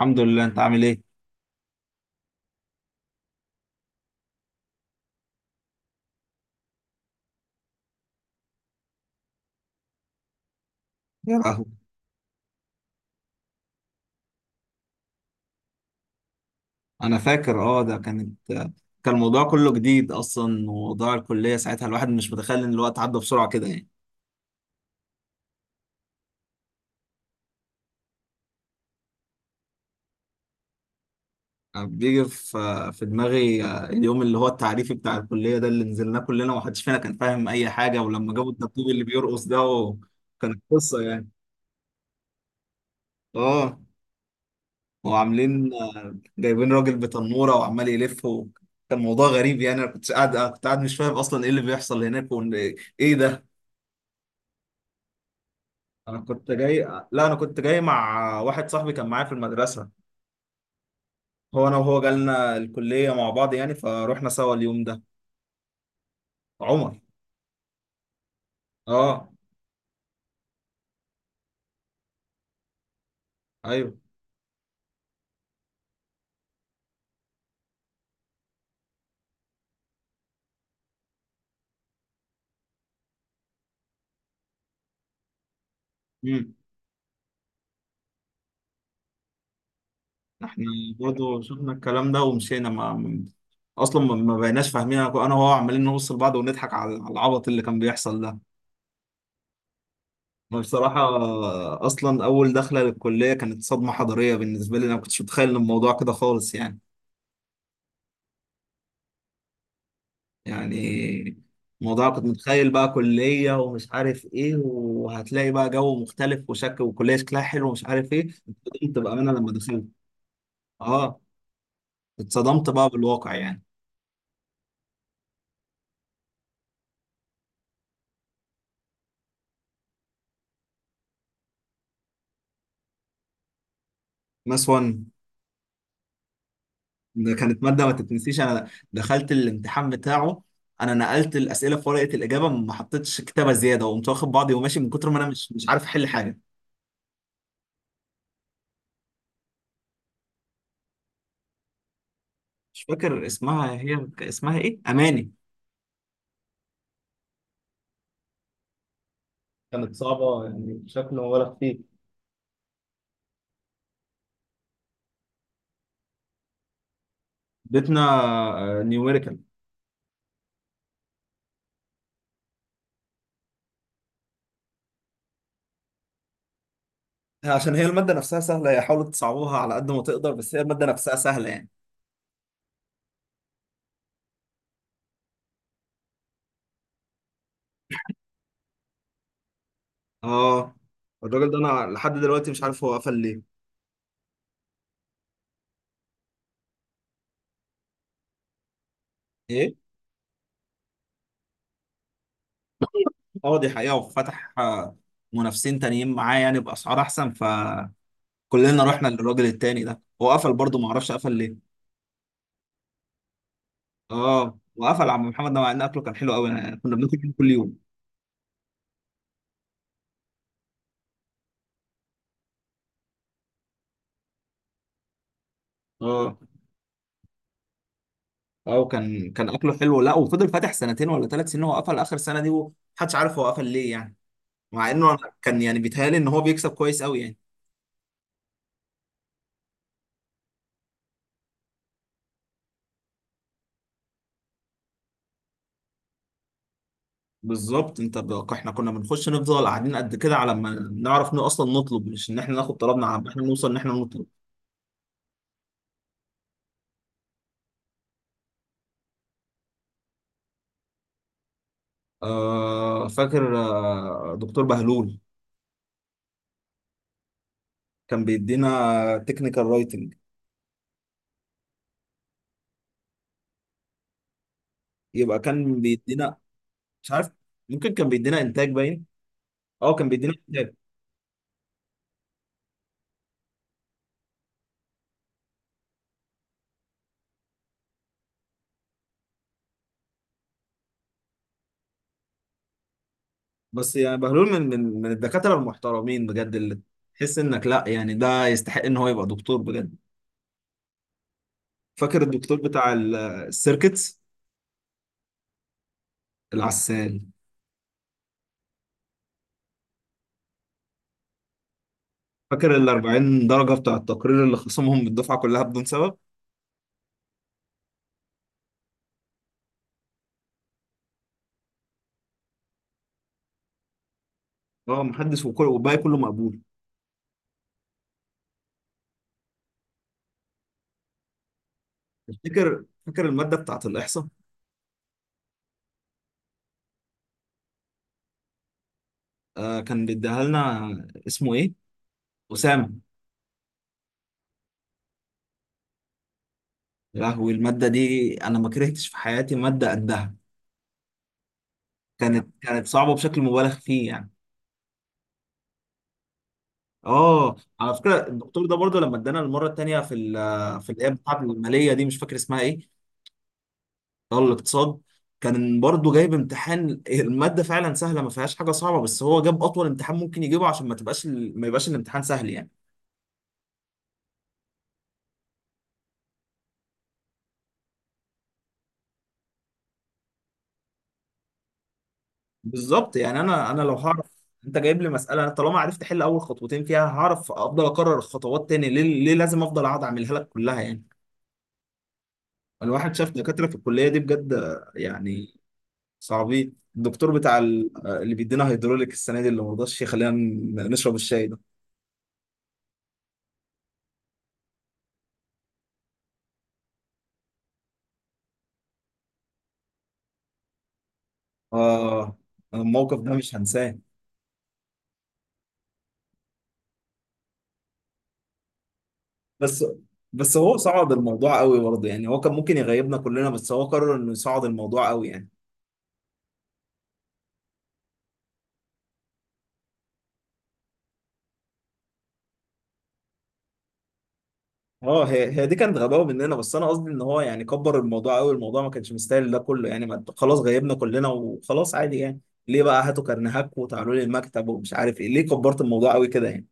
الحمد لله، انت عامل ايه؟ يا لهوي. انا فاكر، اه ده كانت، كان الموضوع كله جديد اصلا، وموضوع الكليه ساعتها الواحد مش متخيل ان الوقت عدى بسرعه كده يعني. انا بيجي في دماغي اليوم اللي هو التعريفي بتاع الكليه ده، اللي نزلناه كلنا ومحدش فينا كان فاهم اي حاجه. ولما جابوا الدبدوب اللي بيرقص ده وكانت قصه يعني. اه، وعاملين جايبين راجل بتنوره وعمال يلف و... كان موضوع غريب يعني. انا كنت قاعد مش فاهم اصلا ايه اللي بيحصل هناك، وان ايه ده. انا كنت جاي لا انا كنت جاي مع واحد صاحبي كان معايا في المدرسه. هو انا وهو جالنا الكليه مع بعض يعني، فروحنا سوا اليوم ده. عمر. اه ايوه. امم. احنا برضه شفنا الكلام ده ومشينا، اصلا ما بقيناش فاهمين. أنا وهو عمالين نبص لبعض ونضحك على العبط اللي كان بيحصل ده. أنا بصراحه اصلا اول دخله للكليه كانت صدمه حضاريه بالنسبه لي. انا ما كنتش متخيل إن الموضوع كده خالص يعني. يعني الموضوع كنت متخيل بقى كلية ومش عارف ايه، وهتلاقي بقى جو مختلف وشكل، وكلية شكلها حلو ومش عارف ايه. اتصدمت بقى منها لما دخلت. اه، اتصدمت بقى بالواقع يعني. ماس 1، ده كانت مادة ما تتنسيش. انا دخلت الامتحان بتاعه، انا نقلت الأسئلة في ورقة الإجابة، ما حطيتش كتابة زيادة، وقمت واخد بعضي وماشي، من كتر ما انا مش عارف احل حاجة. مش فاكر اسمها، هي اسمها ايه، أماني؟ كانت صعبة يعني بشكل ولا خفيف. اديتنا نيوميريكال. عشان هي المادة نفسها سهلة، هي حاولوا تصعبوها على قد ما تقدر، بس هي المادة نفسها سهلة يعني. اه، الراجل ده انا لحد دلوقتي مش عارف هو قفل ليه. ايه. اه دي حقيقة، وفتح منافسين تانيين معاه يعني بأسعار احسن، فكلنا رحنا للراجل التاني ده. هو قفل برضه، ما اعرفش قفل ليه. اه، وقفل عم محمد ده، مع ان اكله كان حلو قوي يعني، كنا بناكل منه كل يوم. اه. اه، كان اكله حلو، لا وفضل فاتح سنتين ولا ثلاث سنين. هو قفل اخر سنة دي ومحدش عارف هو قفل ليه يعني. مع انه أنا كان يعني بيتهيألي ان هو بيكسب كويس قوي يعني. بالظبط انت بقى. احنا كنا بنخش نفضل قاعدين قد كده على ما نعرف ان اصلا نطلب، مش ان احنا ناخد طلبنا، على ما احنا نوصل ان احنا نطلب. آه، فاكر، آه دكتور بهلول. كان بيدينا تكنيكال رايتنج. يبقى كان بيدينا مش عارف، ممكن كان بيدينا انتاج، باين. اه، كان بيدينا انتاج. بس يعني بهلول من الدكاترة المحترمين بجد، اللي تحس انك لا يعني، ده يستحق ان هو يبقى دكتور بجد. فاكر الدكتور بتاع السيركتس. العسال. فاكر ال 40 درجة بتاع التقرير اللي خصمهم من الدفعة كلها بدون سبب؟ اه، محدش، وكل والباقي كله مقبول. تفتكر فاكر المادة بتاعة الإحصاء؟ آه كان بيديها لنا. اسمه إيه؟ أسامة. يا لهوي المادة دي، أنا ما كرهتش في حياتي مادة قدها. كانت صعبة بشكل مبالغ فيه يعني. اه، على فكرة الدكتور ده برضه لما ادانا المرة التانية في في الآية بتاعة المالية دي، مش فاكر اسمها إيه. اه، الاقتصاد. كان برضه جايب امتحان، المادة فعلا سهلة، ما فيهاش حاجة صعبة، بس هو جاب أطول امتحان ممكن يجيبه، عشان ما تبقاش ما يبقاش الامتحان سهل يعني. بالظبط يعني. أنا لو هعرف. أنت جايب لي مسألة، أنا طالما عرفت أحل أول خطوتين فيها، هعرف أفضل أكرر الخطوات تاني ليه لازم أفضل أقعد أعملها لك كلها يعني؟ الواحد شاف دكاترة في الكلية دي بجد يعني صعبين. الدكتور بتاع اللي بيدينا هيدروليك السنة دي، اللي مرضاش يخلينا نشرب الشاي ده. آه، الموقف ده مش هنساه. بس بس هو صعد الموضوع قوي برضه يعني. هو كان ممكن يغيبنا كلنا، بس هو قرر انه يصعد الموضوع قوي يعني. اه، هي دي كانت غباوه مننا، بس انا قصدي ان هو يعني كبر الموضوع قوي. الموضوع ما كانش مستاهل ده كله يعني. ما خلاص، غيبنا كلنا وخلاص عادي يعني. ليه بقى هاتوا كرنيهاك وتعالوا لي المكتب ومش عارف ايه؟ ليه كبرت الموضوع قوي كده يعني؟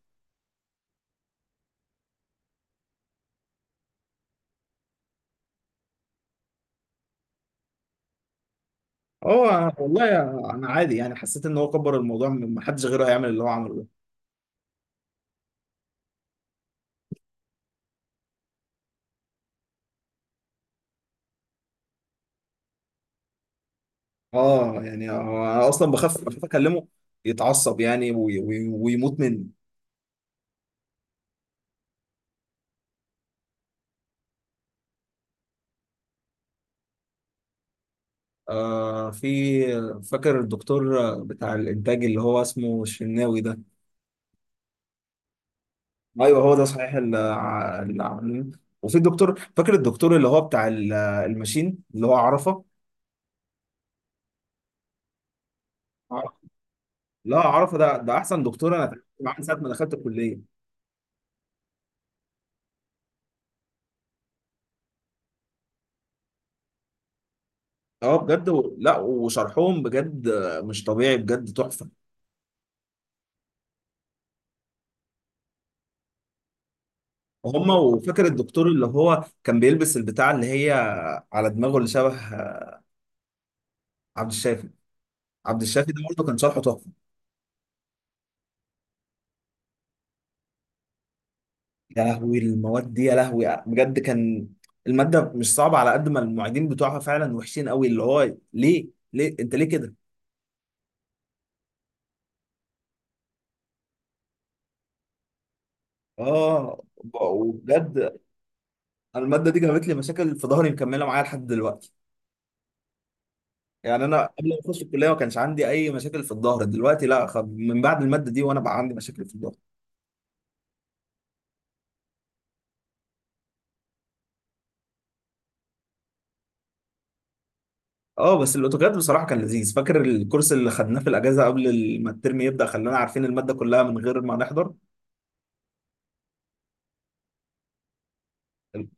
اه والله يا-، انا عادي يعني، حسيت ان هو كبر الموضوع، ما حدش غيره هيعمل اللي هو عمله ده. اه يعني، هو انا اصلا بخاف، اكلمه يتعصب يعني، ويموت مني. آه في، فاكر الدكتور بتاع الانتاج اللي هو اسمه الشناوي ده. ايوه هو ده صحيح، اللي اللي عاملين. وفي الدكتور، فاكر الدكتور اللي هو بتاع الماشين اللي هو عرفه. عرفة. لا عرفه، ده احسن دكتور انا اتعاملت معاه من ساعه ما دخلت الكليه. اه بجد و... لا وشرحهم بجد مش طبيعي، بجد تحفه. وهم، وفاكر الدكتور اللي هو كان بيلبس البتاع اللي هي على دماغه، اللي شبه عبد الشافي. عبد الشافي ده برضه كان شرحه تحفه. يا لهوي المواد دي، يا لهوي بجد كان، المادة مش صعبة على قد ما المعيدين بتوعها فعلا وحشين قوي. اللي هو ليه انت ليه كده؟ اه وبجد، أنا المادة دي جابت لي مشاكل في ظهري مكملة معايا لحد دلوقتي يعني. انا قبل ما اخش الكلية ما كانش عندي اي مشاكل في الظهر دلوقتي. لا من بعد المادة دي وانا بقى عندي مشاكل في الظهر. اه بس الاوتوكاد بصراحة كان لذيذ. فاكر الكورس اللي خدناه في الاجازة قبل ما الترم يبدأ، خلانا عارفين المادة كلها من غير ما نحضر؟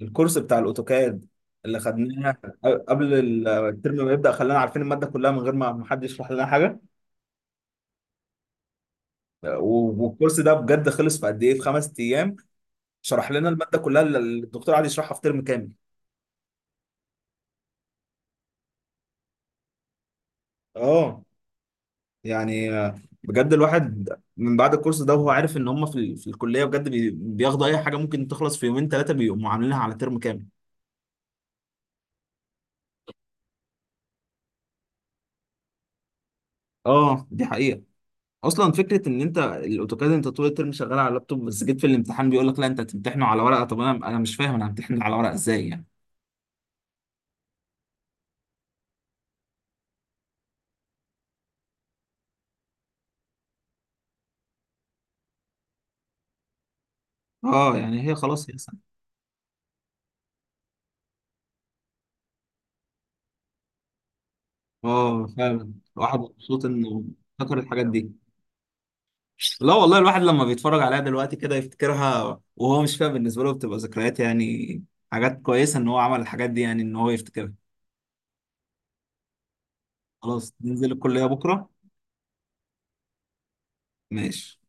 الكورس بتاع الاوتوكاد اللي خدناه قبل الترم ما يبدأ، خلانا عارفين المادة كلها من غير ما حد يشرح لنا حاجة. والكورس ده بجد خلص في قد ايه، في خمس ايام. شرح لنا المادة كلها اللي الدكتور قعد يشرحها في ترم كامل. اه يعني، بجد الواحد من بعد الكورس ده وهو عارف ان هم في في الكلية بجد بياخدوا اي حاجة ممكن تخلص في يومين ثلاثة، بيقوموا عاملينها على ترم كامل. اه دي حقيقة. اصلا فكره ان انت الاوتوكاد انت طول الترم شغال على اللابتوب، بس جيت في الامتحان بيقول لك لا انت هتمتحنه على ورقه. طب انا، مش فاهم، انا همتحن على ورقه ازاي يعني؟ اه يعني هي خلاص هي سنه. اه فعلا الواحد مبسوط انه افتكر الحاجات دي. لا والله، الواحد لما بيتفرج عليها دلوقتي كده يفتكرها وهو مش فاهم، بالنسبه له بتبقى ذكريات يعني، حاجات كويسه ان هو عمل الحاجات دي يعني، ان هو يفتكرها. خلاص، ننزل الكليه بكره. ماشي.